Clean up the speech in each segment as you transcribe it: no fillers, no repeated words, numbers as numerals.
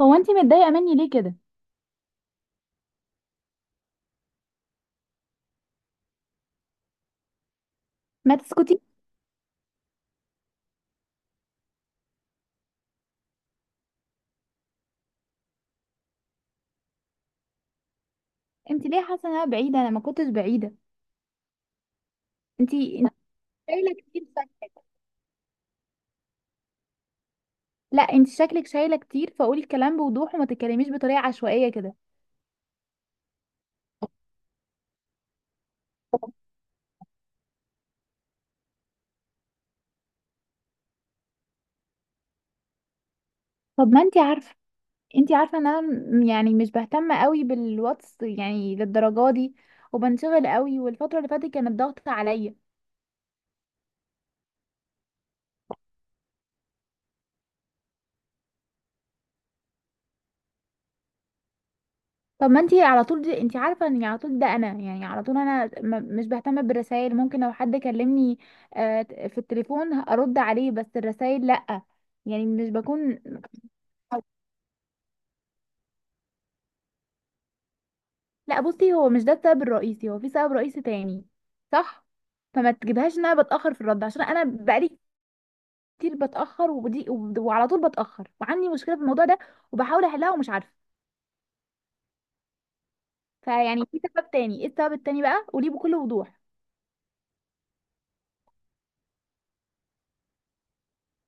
هو انت متضايقه مني ليه كده؟ ما تسكتي. انت ليه حاسه ان انا بعيده؟ انا ما كنتش بعيده. انت شايله كتير. شك- لا، انت شكلك شايله كتير، فقولي الكلام بوضوح وما تتكلميش بطريقه عشوائيه كده. طب ما انت عارفه، انت عارفه ان انا يعني مش بهتم قوي بالواتس يعني للدرجه دي، وبنشغل قوي والفتره اللي فاتت كانت ضغط عليا. طب ما انتي على طول دي، انتي عارفه ان على طول ده انا يعني على طول انا مش بهتم بالرسائل. ممكن لو حد كلمني في التليفون ارد عليه، بس الرسائل لا. يعني مش بكون. لا بصي، هو مش ده السبب الرئيسي، هو في سبب رئيسي تاني، صح؟ فما تجيبهاش ان انا بتاخر في الرد، عشان انا بقالي كتير بتاخر، وعلى طول بتاخر وعندي مشكله في الموضوع ده، وبحاول احلها ومش عارفه. فيعني في سبب تاني، ايه السبب التاني بقى؟ قوليه بكل وضوح.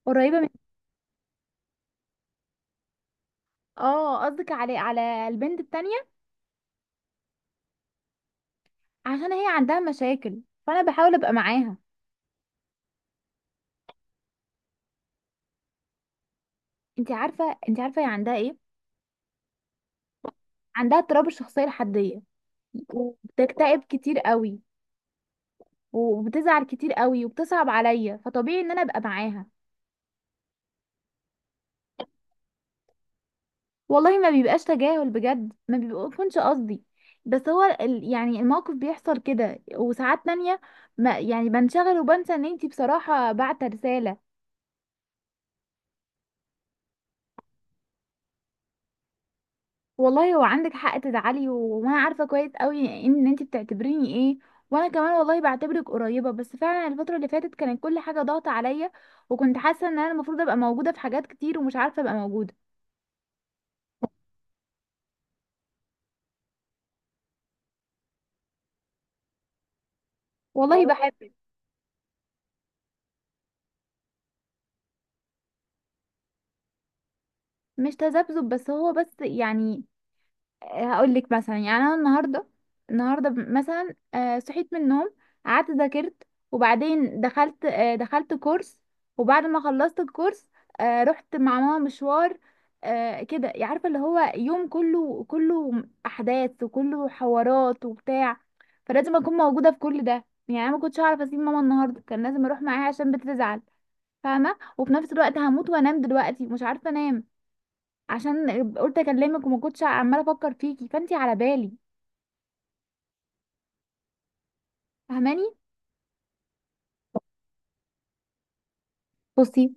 قريبه من؟ اه قصدك على البنت التانية. عشان هي عندها مشاكل فانا بحاول ابقى معاها. انت عارفه، انت عارفه هي عندها ايه. عندها اضطراب الشخصيه الحديه، وبتكتئب كتير قوي، وبتزعل كتير قوي وبتصعب عليا، فطبيعي ان انا ابقى معاها. والله ما بيبقاش تجاهل، بجد ما بيكونش قصدي، بس هو يعني الموقف بيحصل كده، وساعات تانية ما يعني بنشغل وبنسى ان انتي بصراحة بعت رسالة. والله هو عندك حق تزعلي، وانا عارفه كويس قوي ان انت بتعتبريني ايه، وانا كمان والله بعتبرك قريبه، بس فعلا الفتره اللي فاتت كانت كل حاجه ضاغطه عليا، وكنت حاسه ان انا المفروض ابقى موجوده في حاجات كتير ومش عارفه ابقى موجوده. والله والله بحبك. مش تذبذب، بس هو بس يعني هقول لك مثلا، يعني انا النهارده، النهارده مثلا صحيت من النوم، قعدت ذاكرت، وبعدين دخلت دخلت كورس، وبعد ما خلصت الكورس رحت مع ماما مشوار. كده يعني، عارفه اللي هو يوم كله احداث وكله حوارات وبتاع، فلازم اكون موجوده في كل ده. يعني انا ما كنتش هعرف اسيب ماما، النهارده كان لازم اروح معاها عشان بتزعل، فاهمه؟ وفي نفس الوقت هموت وانام دلوقتي، مش عارفه انام، عشان قلت اكلمك، وما كنتش عماله افكر فيكي فانتي على بالي. فاهماني؟ بصي،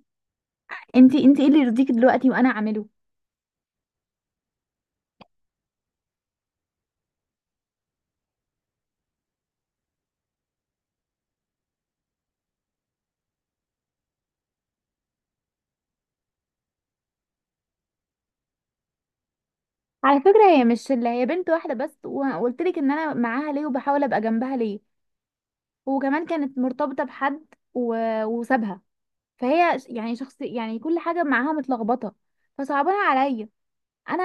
انتي ايه اللي يرضيكي دلوقتي وانا اعمله؟ على فكره هي مش اللي هي بنت واحده بس، وقلت لك ان انا معاها ليه وبحاول ابقى جنبها ليه، وكمان كانت مرتبطه بحد و... وسابها، فهي يعني شخص يعني كل حاجه معاها متلخبطه، فصعبانه عليا. انا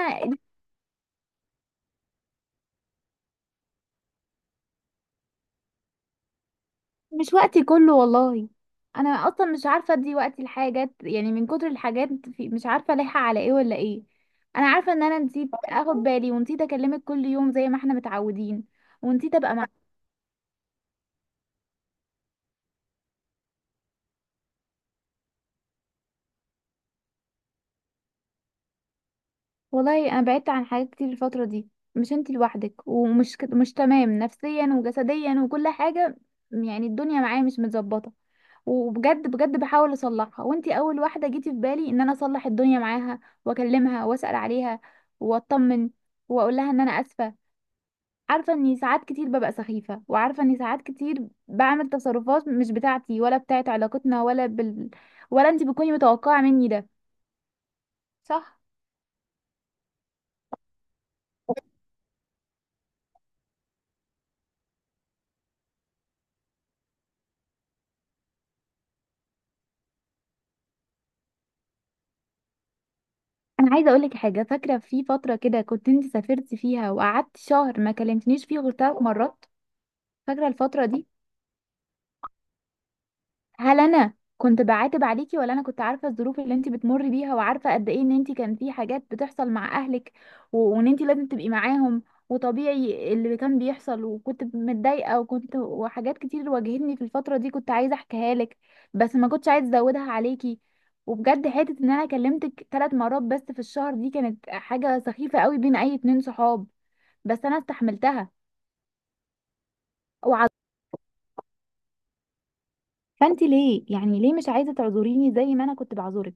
مش وقتي كله والله، انا اصلا مش عارفه ادي وقتي لحاجات، يعني من كتر الحاجات في مش عارفه الاقيها على ايه ولا ايه. انا عارفه ان انا نسيت اخد بالي ونسيت اكلمك كل يوم زي ما احنا متعودين، ونسيت ابقى. والله انا بعدت عن حاجات كتير الفتره دي، مش انتي لوحدك، مش تمام نفسيا وجسديا وكل حاجه، يعني الدنيا معايا مش متظبطه، وبجد بجد بحاول اصلحها، وانتي اول واحده جيتي في بالي ان انا اصلح الدنيا معاها واكلمها واسال عليها واطمن، واقول لها ان انا اسفه. عارفه اني ساعات كتير ببقى سخيفه، وعارفه اني ساعات كتير بعمل تصرفات مش بتاعتي ولا بتاعت علاقتنا ولا انتي بتكوني متوقعه مني ده، صح؟ انا عايزه اقول لك حاجه. فاكره في فتره كده كنت انت سافرتي فيها وقعدت شهر ما كلمتنيش فيه غير 3 مرات؟ فاكره الفتره دي؟ هل انا كنت بعاتب عليكي، ولا انا كنت عارفه الظروف اللي انت بتمري بيها وعارفه قد ايه ان انت كان في حاجات بتحصل مع اهلك، وان انت لازم تبقي معاهم، وطبيعي اللي كان بيحصل؟ وكنت متضايقه، وكنت وحاجات كتير واجهتني في الفتره دي كنت عايزه احكيها لك، بس ما كنتش عايزه ازودها عليكي. وبجد حته ان انا كلمتك 3 مرات بس في الشهر دي كانت حاجه سخيفه قوي بين اي 2 صحاب، بس انا استحملتها وع- فانت ليه يعني ليه مش عايزه تعذريني زي ما انا كنت بعذرك؟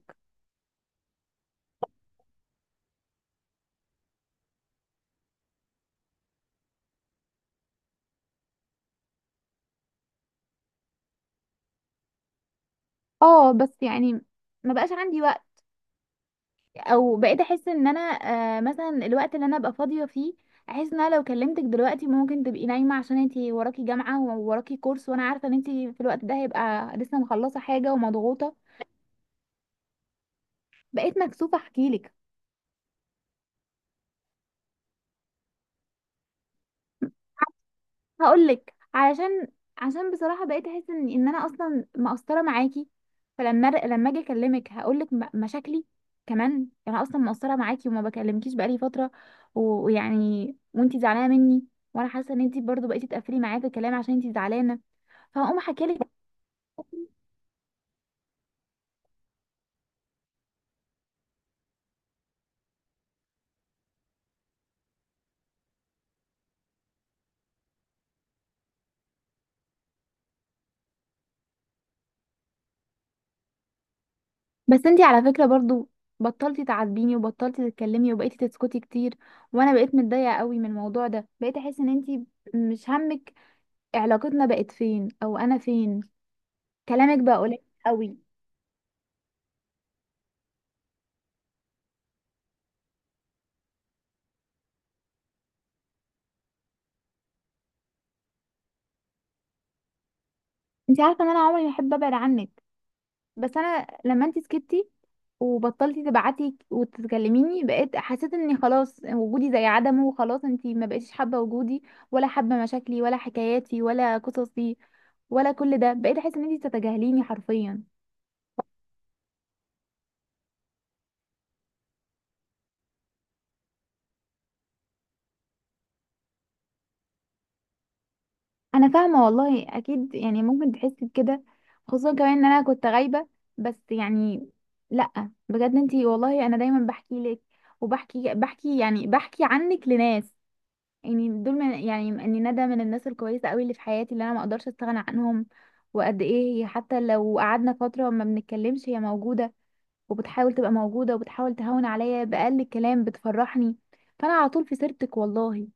اه بس يعني ما بقاش عندي وقت، او بقيت احس ان انا مثلا الوقت اللي انا ابقى فاضيه فيه احس ان انا لو كلمتك دلوقتي ممكن تبقي نايمه عشان انتي وراكي جامعه ووراكي كورس، وانا عارفه ان انتي في الوقت ده هيبقى لسه مخلصه حاجه ومضغوطه، بقيت مكسوفه احكيلك. هقول لك علشان، عشان بصراحه بقيت احس ان انا اصلا مقصره معاكي، فلما اجي اكلمك هقول لك مشاكلي، كمان انا اصلا مقصره معاكي وما بكلمكيش بقالي فتره، ويعني وانتي زعلانه مني، وانا حاسه ان انتي برضو بقيتي تقفلي معايا في الكلام عشان انتي زعلانه، فهقوم احكي لك. بس انتي على فكره برضو بطلتي تعاتبيني وبطلتي تتكلمي وبقيتي تسكتي كتير، وانا بقيت متضايقه قوي من الموضوع ده، بقيت احس ان انتي مش همك علاقتنا بقت فين، او انا فين. كلامك بقى قليل قوي. انت عارفه ان انا عمري ما احب ابعد عنك، بس انا لما انت سكتي وبطلتي تبعتي وتتكلميني بقيت حسيت اني خلاص وجودي زي عدمه، وخلاص انت ما بقيتيش حابه وجودي، ولا حابه مشاكلي ولا حكاياتي ولا قصصي، ولا كل ده، بقيت احس ان انت بتتجاهليني حرفيا. انا فاهمه والله، اكيد يعني ممكن تحسي بكده، خصوصا كمان ان انا كنت غايبه، بس يعني لا بجد انت والله انا دايما بحكي لك، وبحكي بحكي يعني بحكي عنك لناس، يعني دول من، يعني اني ندى من الناس الكويسه قوي اللي في حياتي، اللي انا ما اقدرش استغنى عنهم. وقد ايه هي حتى لو قعدنا فتره ما بنتكلمش هي موجوده، وبتحاول تبقى موجوده، وبتحاول تهون عليا باقل كلام بتفرحني، فانا على طول في سيرتك والله.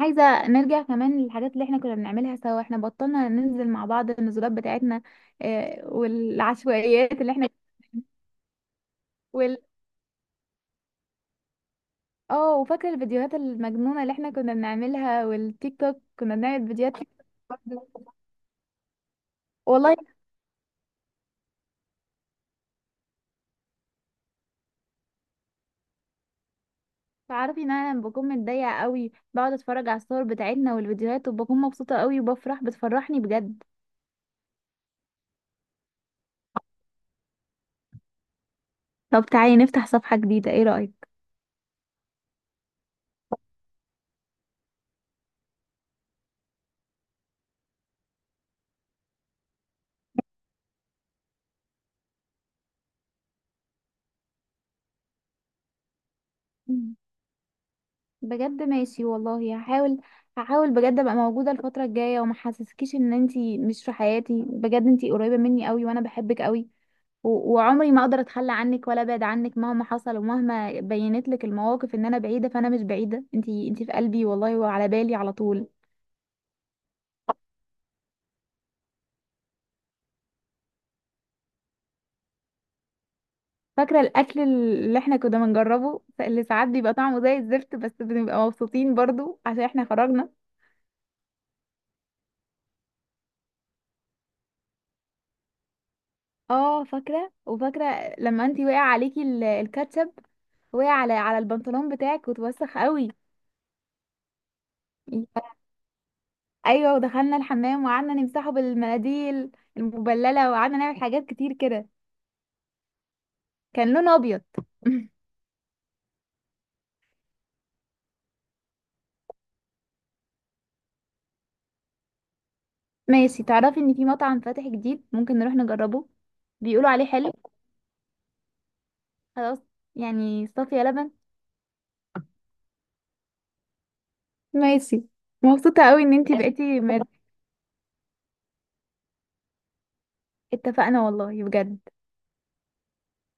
عايزه نرجع كمان للحاجات اللي احنا كنا بنعملها سوا، احنا بطلنا ننزل مع بعض النزولات بتاعتنا والعشوائيات اللي احنا وال... اه وفاكره الفيديوهات المجنونه اللي احنا كنا بنعملها، والتيك توك كنا بنعمل فيديوهات تيك توك برضه. والله تعرفي ان انا بكون متضايقه قوي بقعد اتفرج على الصور بتاعتنا والفيديوهات وبكون مبسوطه قوي، وبفرح بتفرحني بجد. طب تعالي نفتح صفحه جديده، ايه رايك؟ مم. بجد ماشي والله هحاول، هحاول بجد ابقى موجوده الفتره الجايه، وما حسسكيش ان انتي مش في حياتي، بجد انتي قريبه مني قوي وانا بحبك قوي، وعمري ما اقدر اتخلى عنك ولا ابعد عنك مهما حصل، ومهما بينت لك المواقف ان انا بعيده، فانا مش بعيده، انتي في قلبي والله، وعلى بالي على طول. فاكرة الأكل اللي احنا كنا بنجربه اللي ساعات بيبقى طعمه زي الزفت، بس بنبقى مبسوطين برضو عشان احنا خرجنا. اه فاكرة، وفاكرة لما انتي وقع عليكي الكاتشب، وقع على البنطلون بتاعك وتوسخ قوي. ايوه، ودخلنا الحمام وقعدنا نمسحه بالمناديل المبللة، وقعدنا نعمل حاجات كتير كده. كان لونه ابيض. ماشي، تعرفي ان في مطعم فاتح جديد ممكن نروح نجربه، بيقولوا عليه حلو. خلاص، يعني صافية لبن. ماشي. مبسوطة قوي ان انتي بقيتي اتفقنا والله بجد.